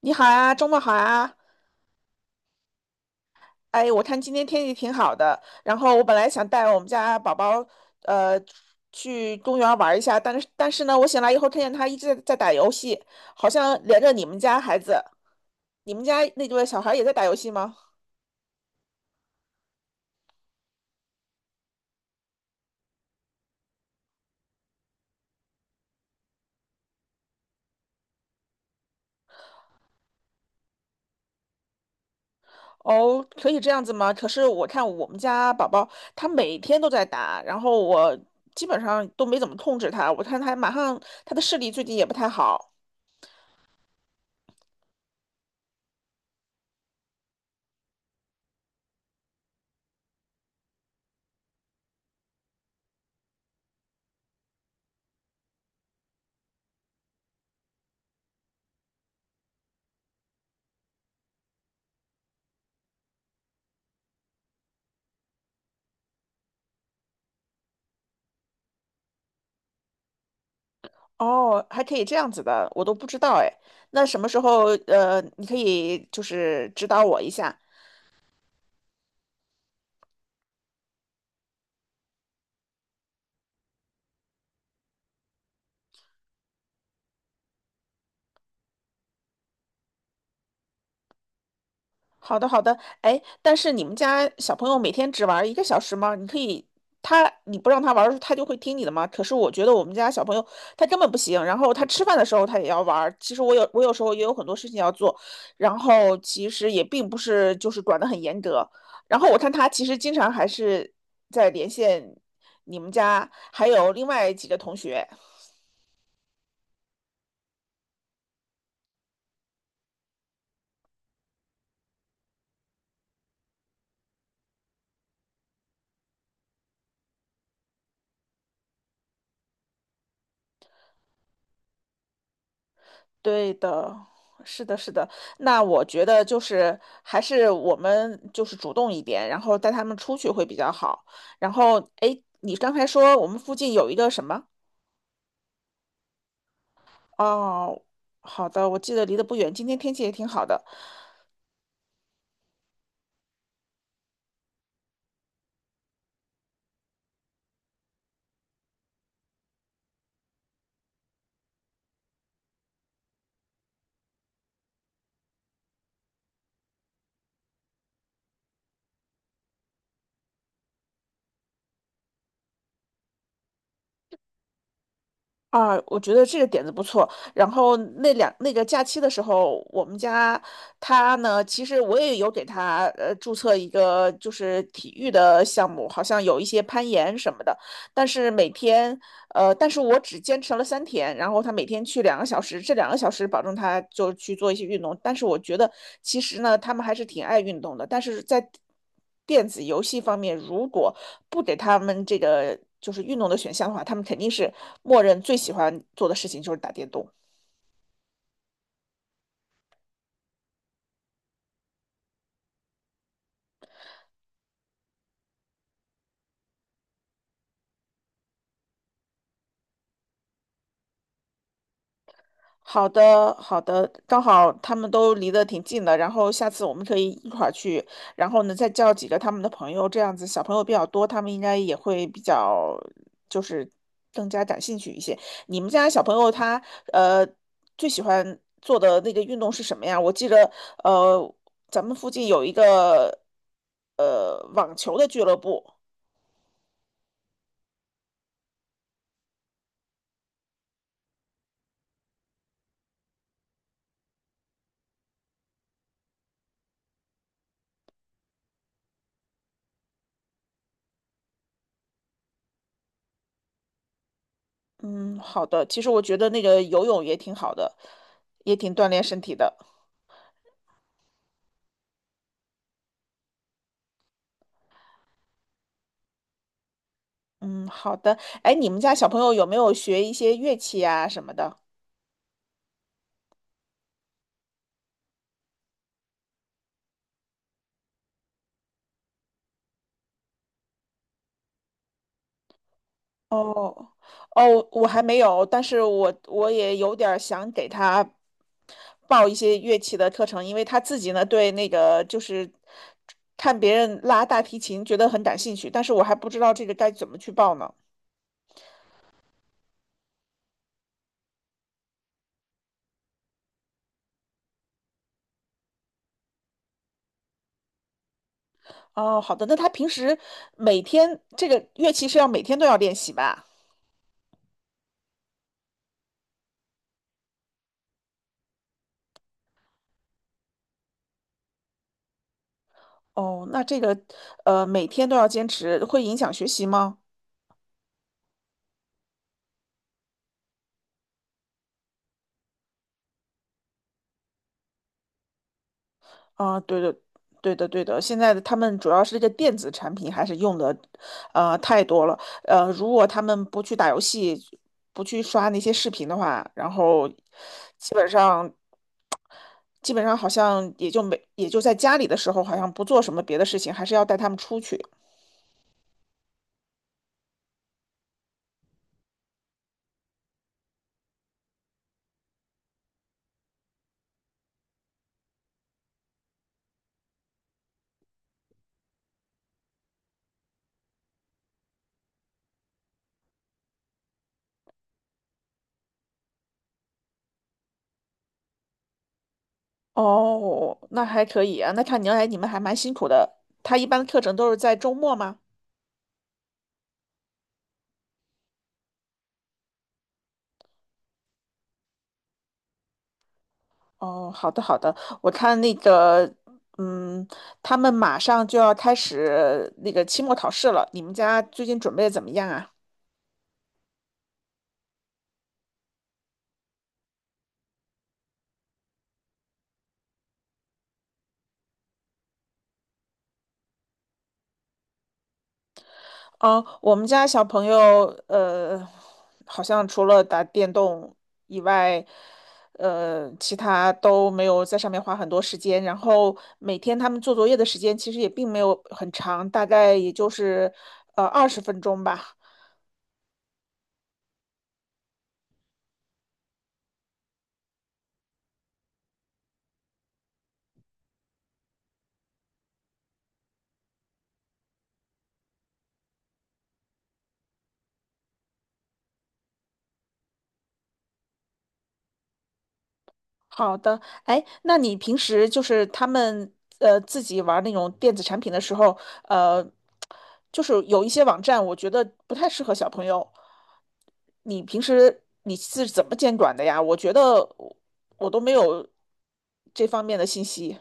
你好啊，周末好啊！哎，我看今天天气挺好的，然后我本来想带我们家宝宝，呃，去公园玩一下，但是呢，我醒来以后看见他一直在打游戏，好像连着你们家孩子，你们家那对小孩也在打游戏吗？哦，可以这样子吗？可是我看我们家宝宝他每天都在打，然后我基本上都没怎么控制他，我看他马上他的视力最近也不太好。哦，还可以这样子的，我都不知道哎。那什么时候你可以就是指导我一下？好的，好的。哎，但是你们家小朋友每天只玩一个小时吗？你可以，他你不让他玩儿，他就会听你的吗？可是我觉得我们家小朋友他根本不行，然后他吃饭的时候他也要玩儿，其实我有时候也有很多事情要做，然后其实也并不是就是管得很严格。然后我看他其实经常还是在连线你们家还有另外几个同学。对的，是的，是的。那我觉得就是还是我们就是主动一点，然后带他们出去会比较好。然后，哎，你刚才说我们附近有一个什么？哦，好的，我记得离得不远，今天天气也挺好的。啊，我觉得这个点子不错。然后那个假期的时候，我们家他呢，其实我也有给他注册一个就是体育的项目，好像有一些攀岩什么的。但是每天但是我只坚持了三天，然后他每天去两个小时，这两个小时保证他就去做一些运动。但是我觉得其实呢，他们还是挺爱运动的，但是在电子游戏方面，如果不给他们这个就是运动的选项的话，他们肯定是默认最喜欢做的事情就是打电动。好的，好的，刚好他们都离得挺近的，然后下次我们可以一块儿去，然后呢再叫几个他们的朋友，这样子小朋友比较多，他们应该也会比较就是更加感兴趣一些。你们家小朋友他呃最喜欢做的那个运动是什么呀？我记得呃咱们附近有一个网球的俱乐部，嗯，好的，其实我觉得那个游泳也挺好的，也挺锻炼身体的。嗯，好的。哎，你们家小朋友有没有学一些乐器啊什么的？哦，哦，我还没有，但是我也有点儿想给他报一些乐器的课程，因为他自己呢对那个就是看别人拉大提琴觉得很感兴趣，但是我还不知道这个该怎么去报呢。哦，好的，那他平时每天这个乐器是要每天都要练习吧？哦，那这个每天都要坚持，会影响学习吗？啊，对的，对的，对的。现在的他们主要是这个电子产品还是用的，太多了。如果他们不去打游戏，不去刷那些视频的话，然后基本上，基本上好像也就没，也就在家里的时候，好像不做什么别的事情，还是要带他们出去。哦，那还可以啊。那看你来你们还蛮辛苦的。他一般课程都是在周末吗？哦，好的好的，我看那个，嗯，他们马上就要开始那个期末考试了，你们家最近准备的怎么样啊？嗯，我们家小朋友，呃，好像除了打电动以外，其他都没有在上面花很多时间。然后每天他们做作业的时间其实也并没有很长，大概也就是20分钟吧。好的，哎，那你平时就是他们自己玩那种电子产品的时候，呃，就是有一些网站，我觉得不太适合小朋友。你平时你是怎么监管的呀？我觉得我我都没有这方面的信息。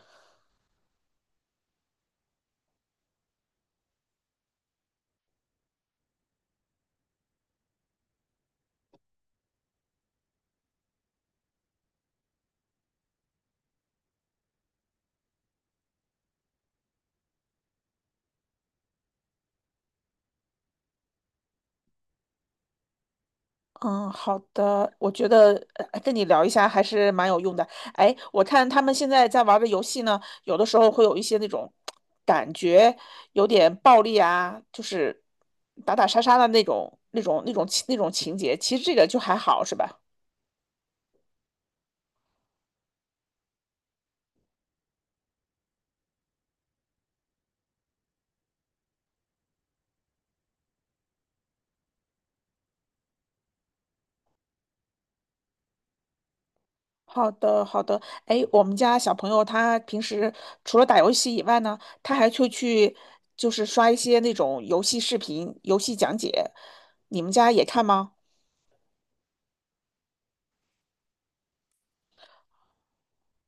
嗯，好的，我觉得跟你聊一下还是蛮有用的。哎，我看他们现在在玩的游戏呢，有的时候会有一些那种感觉有点暴力啊，就是打打杀杀的那种、那种情节。其实这个就还好，是吧？好的，好的。哎，我们家小朋友他平时除了打游戏以外呢，他还会去就是刷一些那种游戏视频、游戏讲解。你们家也看吗？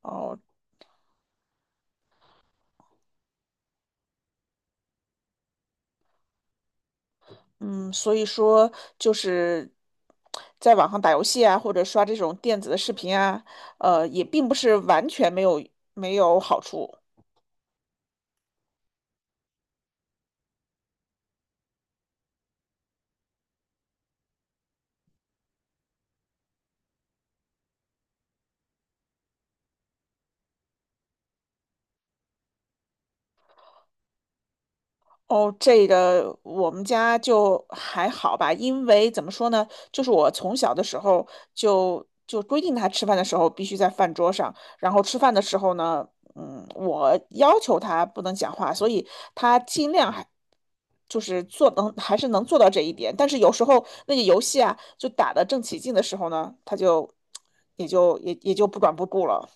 哦，嗯，所以说就是在网上打游戏啊，或者刷这种电子的视频啊，也并不是完全没有好处。哦，这个我们家就还好吧，因为怎么说呢，就是我从小的时候就规定他吃饭的时候必须在饭桌上，然后吃饭的时候呢，嗯，我要求他不能讲话，所以他尽量还就是做能还是能做到这一点，但是有时候那个游戏啊，就打得正起劲的时候呢，他就也就也也就不管不顾了。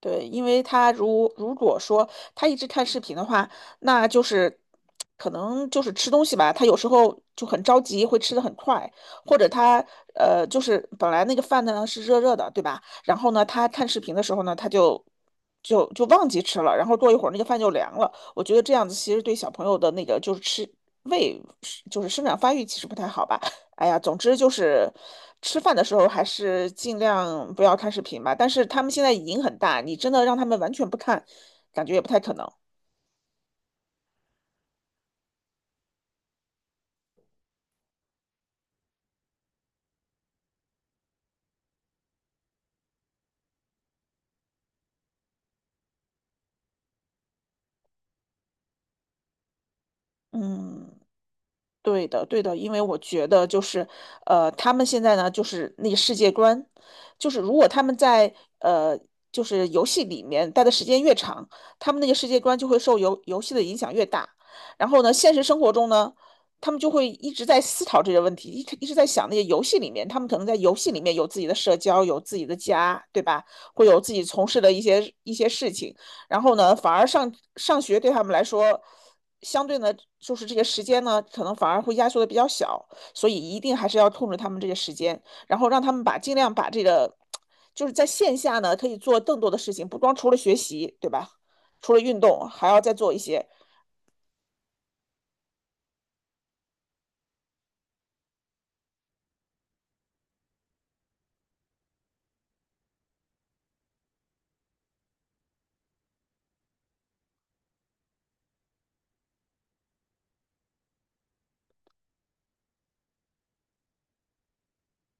对，因为他如果说他一直看视频的话，那就是可能就是吃东西吧，他有时候就很着急，会吃的很快，或者他就是本来那个饭呢是热热的，对吧？然后呢，他看视频的时候呢，他就忘记吃了，然后过一会儿那个饭就凉了。我觉得这样子其实对小朋友的那个就是吃胃就是生长发育其实不太好吧。哎呀，总之就是吃饭的时候还是尽量不要看视频吧。但是他们现在瘾很大，你真的让他们完全不看，感觉也不太可能。嗯。对的，对的，因为我觉得就是，他们现在呢，就是那个世界观，就是如果他们在呃，就是游戏里面待的时间越长，他们那个世界观就会受游戏的影响越大。然后呢，现实生活中呢，他们就会一直在思考这些问题，一直在想那些游戏里面，他们可能在游戏里面有自己的社交，有自己的家，对吧？会有自己从事的一些事情。然后呢，反而上学对他们来说。相对呢，就是这个时间呢，可能反而会压缩的比较小，所以一定还是要控制他们这个时间，然后让他们把尽量把这个，就是在线下呢可以做更多的事情，不光除了学习，对吧？除了运动，还要再做一些。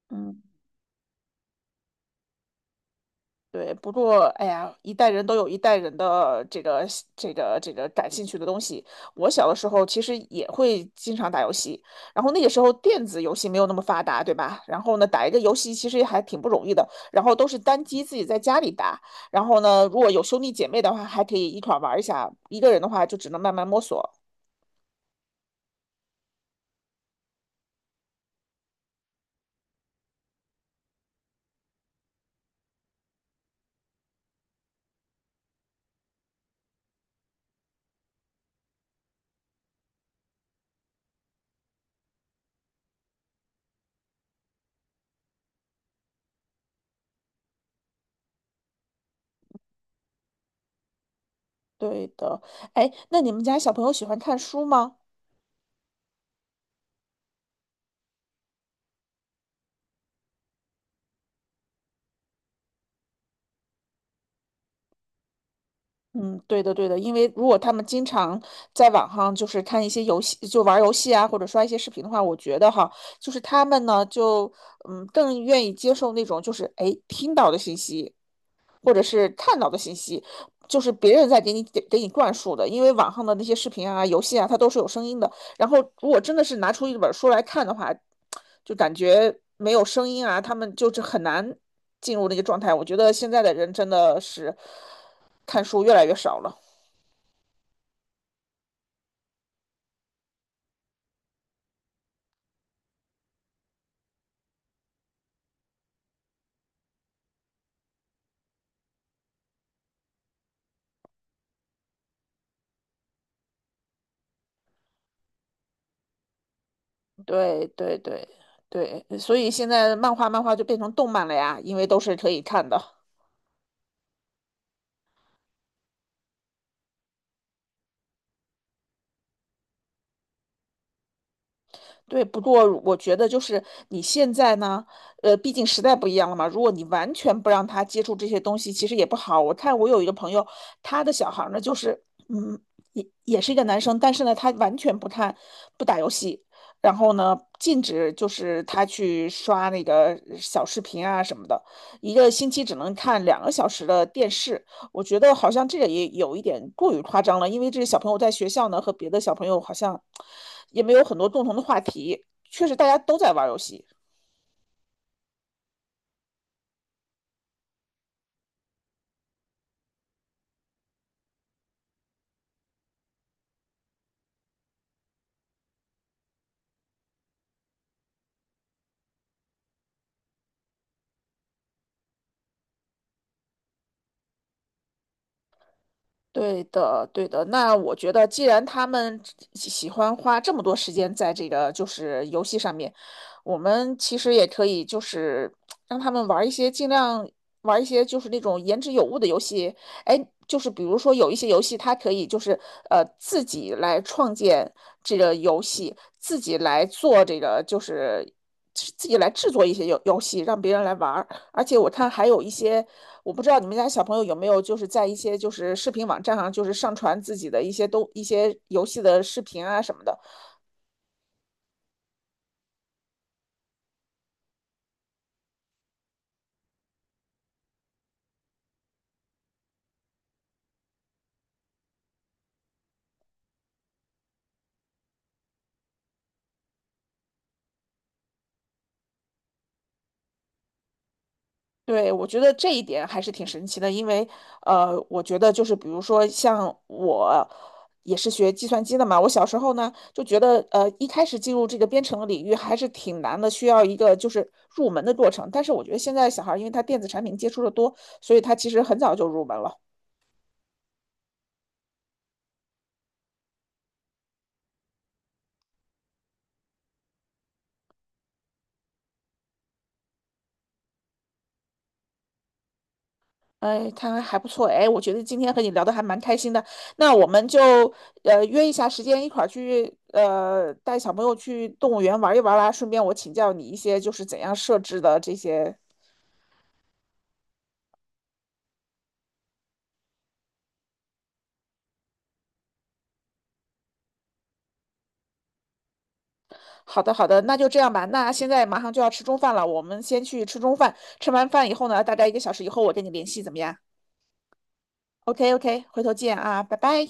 嗯，对，不过，哎呀，一代人都有一代人的这个这个感兴趣的东西。我小的时候其实也会经常打游戏，然后那个时候电子游戏没有那么发达，对吧？然后呢，打一个游戏其实也还挺不容易的，然后都是单机自己在家里打。然后呢，如果有兄弟姐妹的话，还可以一块儿玩一下；一个人的话，就只能慢慢摸索。对的，哎，那你们家小朋友喜欢看书吗？嗯，对的，对的。因为如果他们经常在网上就是看一些游戏，就玩儿游戏啊，或者刷一些视频的话，我觉得哈，就是他们呢，就更愿意接受那种就是哎听到的信息，或者是看到的信息，就是别人在给你灌输的，因为网上的那些视频啊、游戏啊，它都是有声音的。然后如果真的是拿出一本书来看的话，就感觉没有声音啊，他们就是很难进入那个状态。我觉得现在的人真的是看书越来越少了。对对对对，所以现在漫画就变成动漫了呀，因为都是可以看的。对，不过我觉得就是你现在呢，毕竟时代不一样了嘛。如果你完全不让他接触这些东西，其实也不好。我看我有一个朋友，他的小孩儿呢，就是嗯，也是一个男生，但是呢，他完全不看不打游戏。然后呢，禁止就是他去刷那个小视频啊什么的，1个星期只能看2个小时的电视。我觉得好像这个也有一点过于夸张了，因为这个小朋友在学校呢和别的小朋友好像也没有很多共同的话题。确实，大家都在玩游戏。对的，对的。那我觉得，既然他们喜欢花这么多时间在这个就是游戏上面，我们其实也可以就是让他们玩一些尽量玩一些就是那种言之有物的游戏。哎，就是比如说有一些游戏，它可以就是自己来创建这个游戏，自己来做这个就是自己来制作一些游戏，让别人来玩儿。而且我看还有一些，我不知道你们家小朋友有没有，就是在一些就是视频网站上，就是上传自己的一些游戏的视频啊什么的。对，我觉得这一点还是挺神奇的，因为我觉得就是比如说像我也是学计算机的嘛，我小时候呢就觉得一开始进入这个编程的领域还是挺难的，需要一个就是入门的过程。但是我觉得现在小孩儿因为他电子产品接触的多，所以他其实很早就入门了。哎，他还不错哎，我觉得今天和你聊的还蛮开心的。那我们就约一下时间，一块儿去带小朋友去动物园玩一玩啦。顺便我请教你一些就是怎样设置的这些。好的，好的，那就这样吧。那现在马上就要吃中饭了，我们先去吃中饭。吃完饭以后呢，大概1个小时以后我跟你联系，怎么样？OK OK,回头见啊，拜拜。